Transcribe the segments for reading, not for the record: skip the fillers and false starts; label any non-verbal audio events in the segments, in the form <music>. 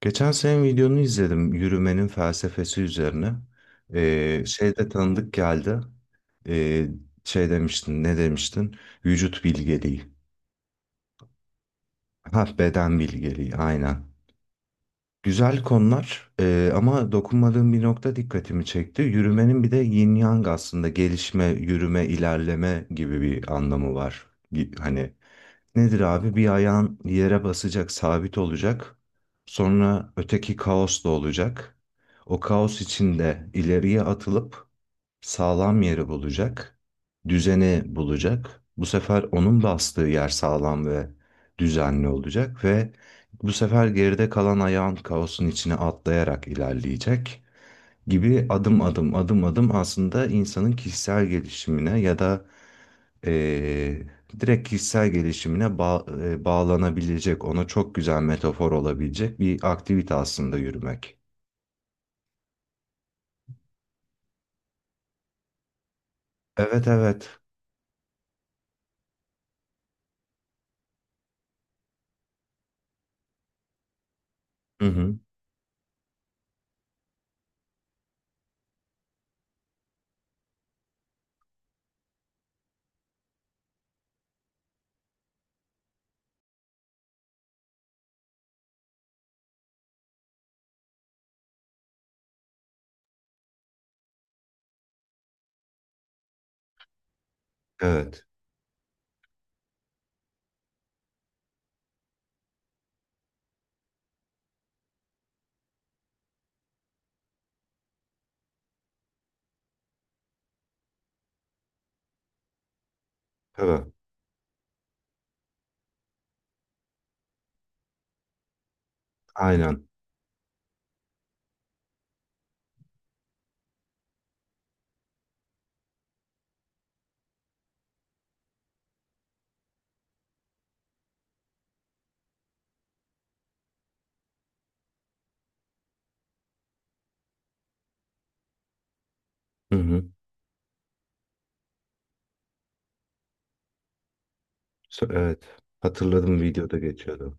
Geçen senin videonu izledim yürümenin felsefesi üzerine. Şeyde tanıdık geldi. Ee, Şey demiştin, ne demiştin? Vücut bilgeliği. Ha, beden bilgeliği, aynen. Güzel konular ama dokunmadığım bir nokta dikkatimi çekti. Yürümenin bir de yin yang aslında gelişme, yürüme, ilerleme gibi bir anlamı var. Hani nedir abi? Bir ayağın yere basacak, sabit olacak. Sonra öteki kaos da olacak. O kaos içinde ileriye atılıp sağlam yeri bulacak. Düzeni bulacak. Bu sefer onun bastığı yer sağlam ve düzenli olacak ve bu sefer geride kalan ayağın kaosun içine atlayarak ilerleyecek gibi adım adım adım adım aslında insanın kişisel gelişimine ya da eee, direkt kişisel gelişimine bağlanabilecek, ona çok güzel metafor olabilecek bir aktivite aslında yürümek. Evet evet. Hı hı. Evet. Evet. Aynen. Hı hı. Evet. Hatırladım, videoda geçiyordu.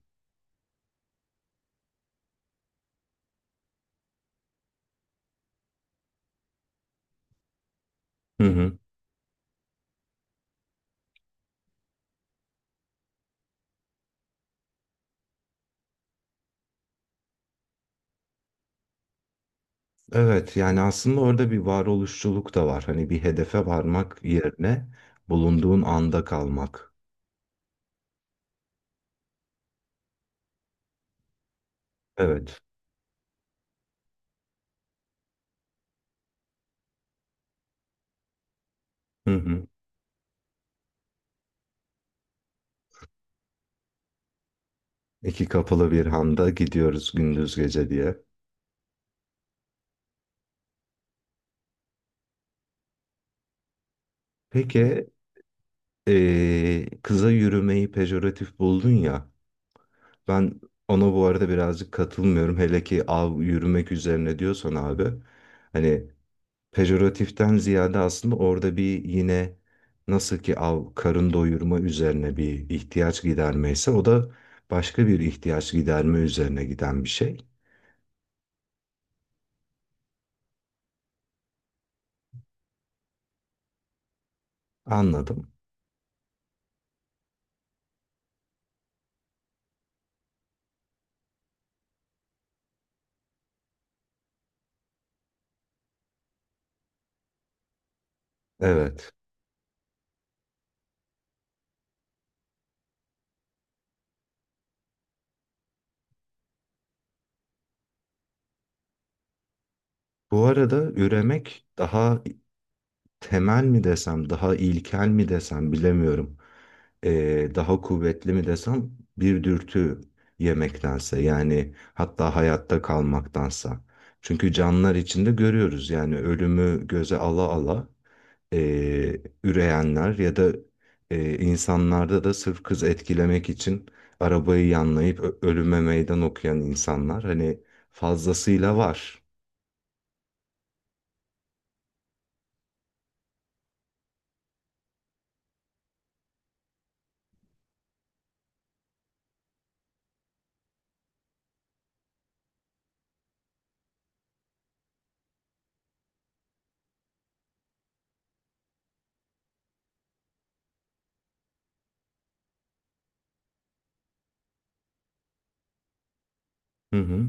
Hı hı. Evet, yani aslında orada bir varoluşçuluk da var. Hani bir hedefe varmak yerine bulunduğun anda kalmak. Evet. Hı hı. İki kapılı bir handa gidiyoruz gündüz gece diye. Peki, kıza yürümeyi pejoratif buldun ya. Ben ona bu arada birazcık katılmıyorum. Hele ki av yürümek üzerine diyorsan abi. Hani pejoratiften ziyade aslında orada bir yine nasıl ki av karın doyurma üzerine bir ihtiyaç gidermeyse o da başka bir ihtiyaç giderme üzerine giden bir şey. Anladım. Evet. Bu arada üremek daha temel mi desem, daha ilkel mi desem bilemiyorum. Daha kuvvetli mi desem bir dürtü yemektense yani hatta hayatta kalmaktansa. Çünkü canlılar içinde görüyoruz yani ölümü göze ala ala üreyenler ya da insanlarda da sırf kız etkilemek için arabayı yanlayıp ölüme meydan okuyan insanlar hani fazlasıyla var. Hı hı.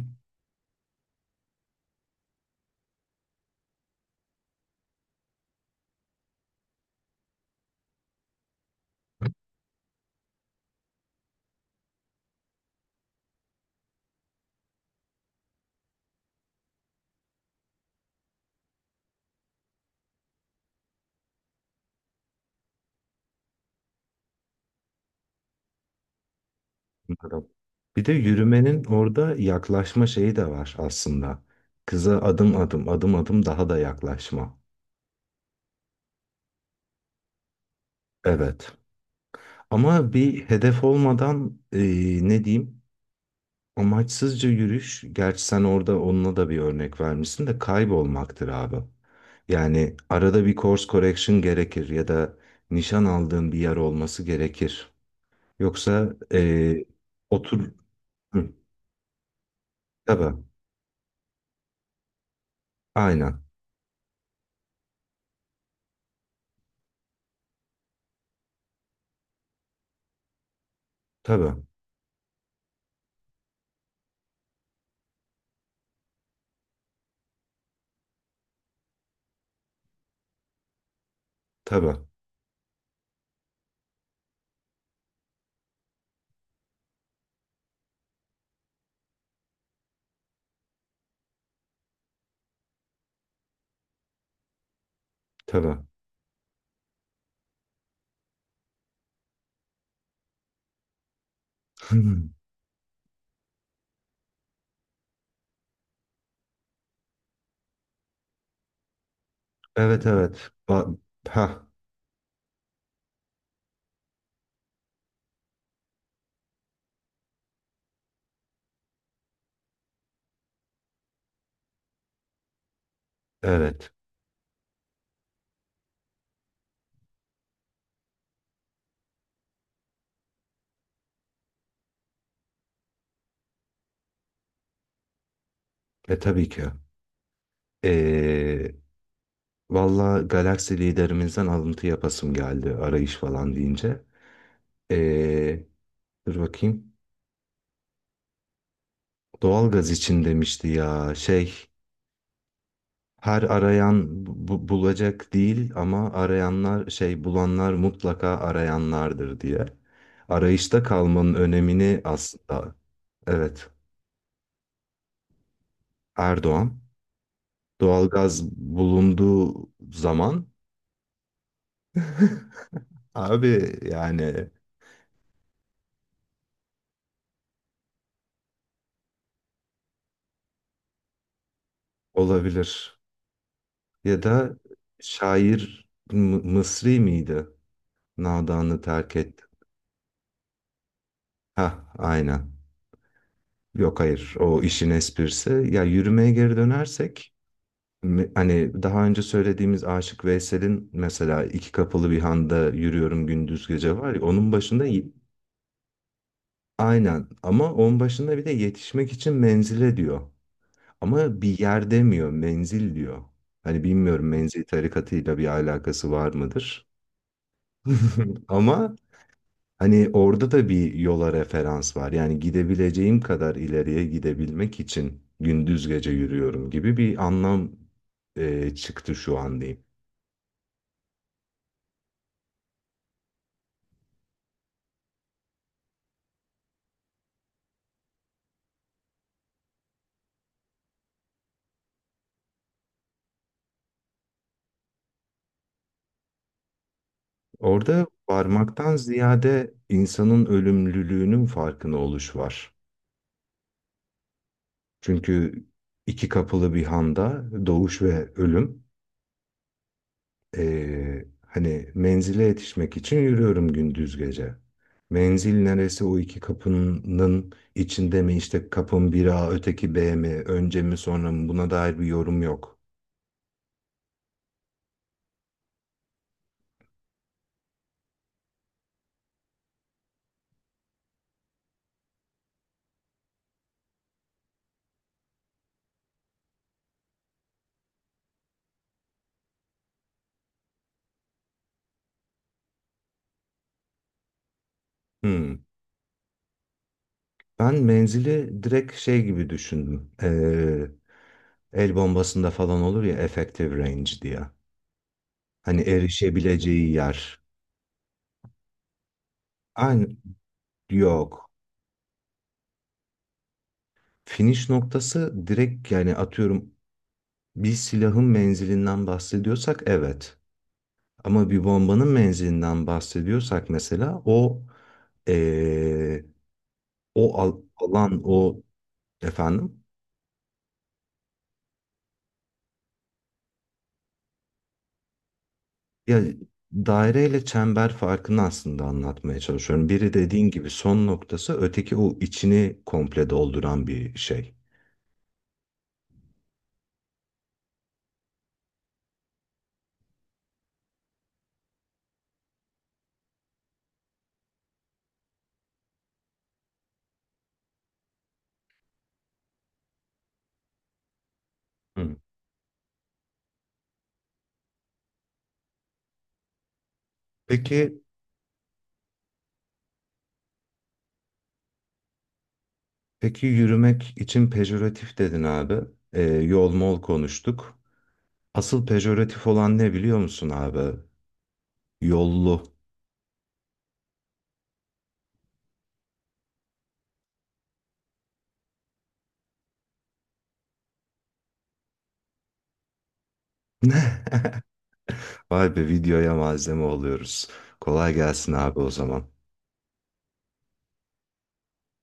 Anladım. Bir de yürümenin orada yaklaşma şeyi de var aslında. Kıza adım adım, adım adım daha da yaklaşma. Evet. Ama bir hedef olmadan ne diyeyim? Amaçsızca yürüyüş, gerçi sen orada onunla da bir örnek vermişsin de kaybolmaktır abi. Yani arada bir course correction gerekir ya da nişan aldığın bir yer olması gerekir. Yoksa otur. Hı, tabii, aynen, tabii, tabii, tabii. <laughs> Evet evet. Ha, evet. Tabii ki. Ee, Valla Galaxy liderimizden alıntı yapasım geldi arayış falan deyince. Ee, Dur bakayım. Doğalgaz için demişti ya, şey, her arayan bulacak değil ama arayanlar şey bulanlar mutlaka arayanlardır diye. Arayışta kalmanın önemini aslında, evet, Erdoğan doğalgaz bulunduğu zaman. <laughs> Abi yani olabilir. Ya da şair Mısri miydi? Nadanı terk etti. Ha, aynen. Yok, hayır, o işin esprisi. Ya, yürümeye geri dönersek hani daha önce söylediğimiz Aşık Veysel'in mesela iki kapılı bir handa yürüyorum gündüz gece var ya, onun başında aynen, ama onun başında bir de yetişmek için menzile diyor. Ama bir yer demiyor, menzil diyor. Hani bilmiyorum, menzil tarikatıyla bir alakası var mıdır? <laughs> Ama hani orada da bir yola referans var. Yani gidebileceğim kadar ileriye gidebilmek için gündüz gece yürüyorum gibi bir anlam çıktı şu an diyeyim. Orada varmaktan ziyade insanın ölümlülüğünün farkına oluş var. Çünkü iki kapılı bir handa doğuş ve ölüm. Hani menzile yetişmek için yürüyorum gündüz gece. Menzil neresi, o iki kapının içinde mi, işte kapın biri A öteki B mi, önce mi sonra mı, buna dair bir yorum yok. Hmm. Ben menzili direkt şey gibi düşündüm. El bombasında falan olur ya, effective range diye. Hani erişebileceği yer. Aynı yok. Finish noktası direkt yani atıyorum, bir silahın menzilinden bahsediyorsak evet. Ama bir bombanın menzilinden bahsediyorsak mesela o eee, o alan o efendim, ya, daireyle çember farkını aslında anlatmaya çalışıyorum. Biri dediğin gibi son noktası, öteki o içini komple dolduran bir şey. Hı. Peki, Peki yürümek için pejoratif dedin abi. Yol mol konuştuk. Asıl pejoratif olan ne biliyor musun abi? Yollu. <laughs> Vay be, videoya malzeme oluyoruz. Kolay gelsin abi o zaman.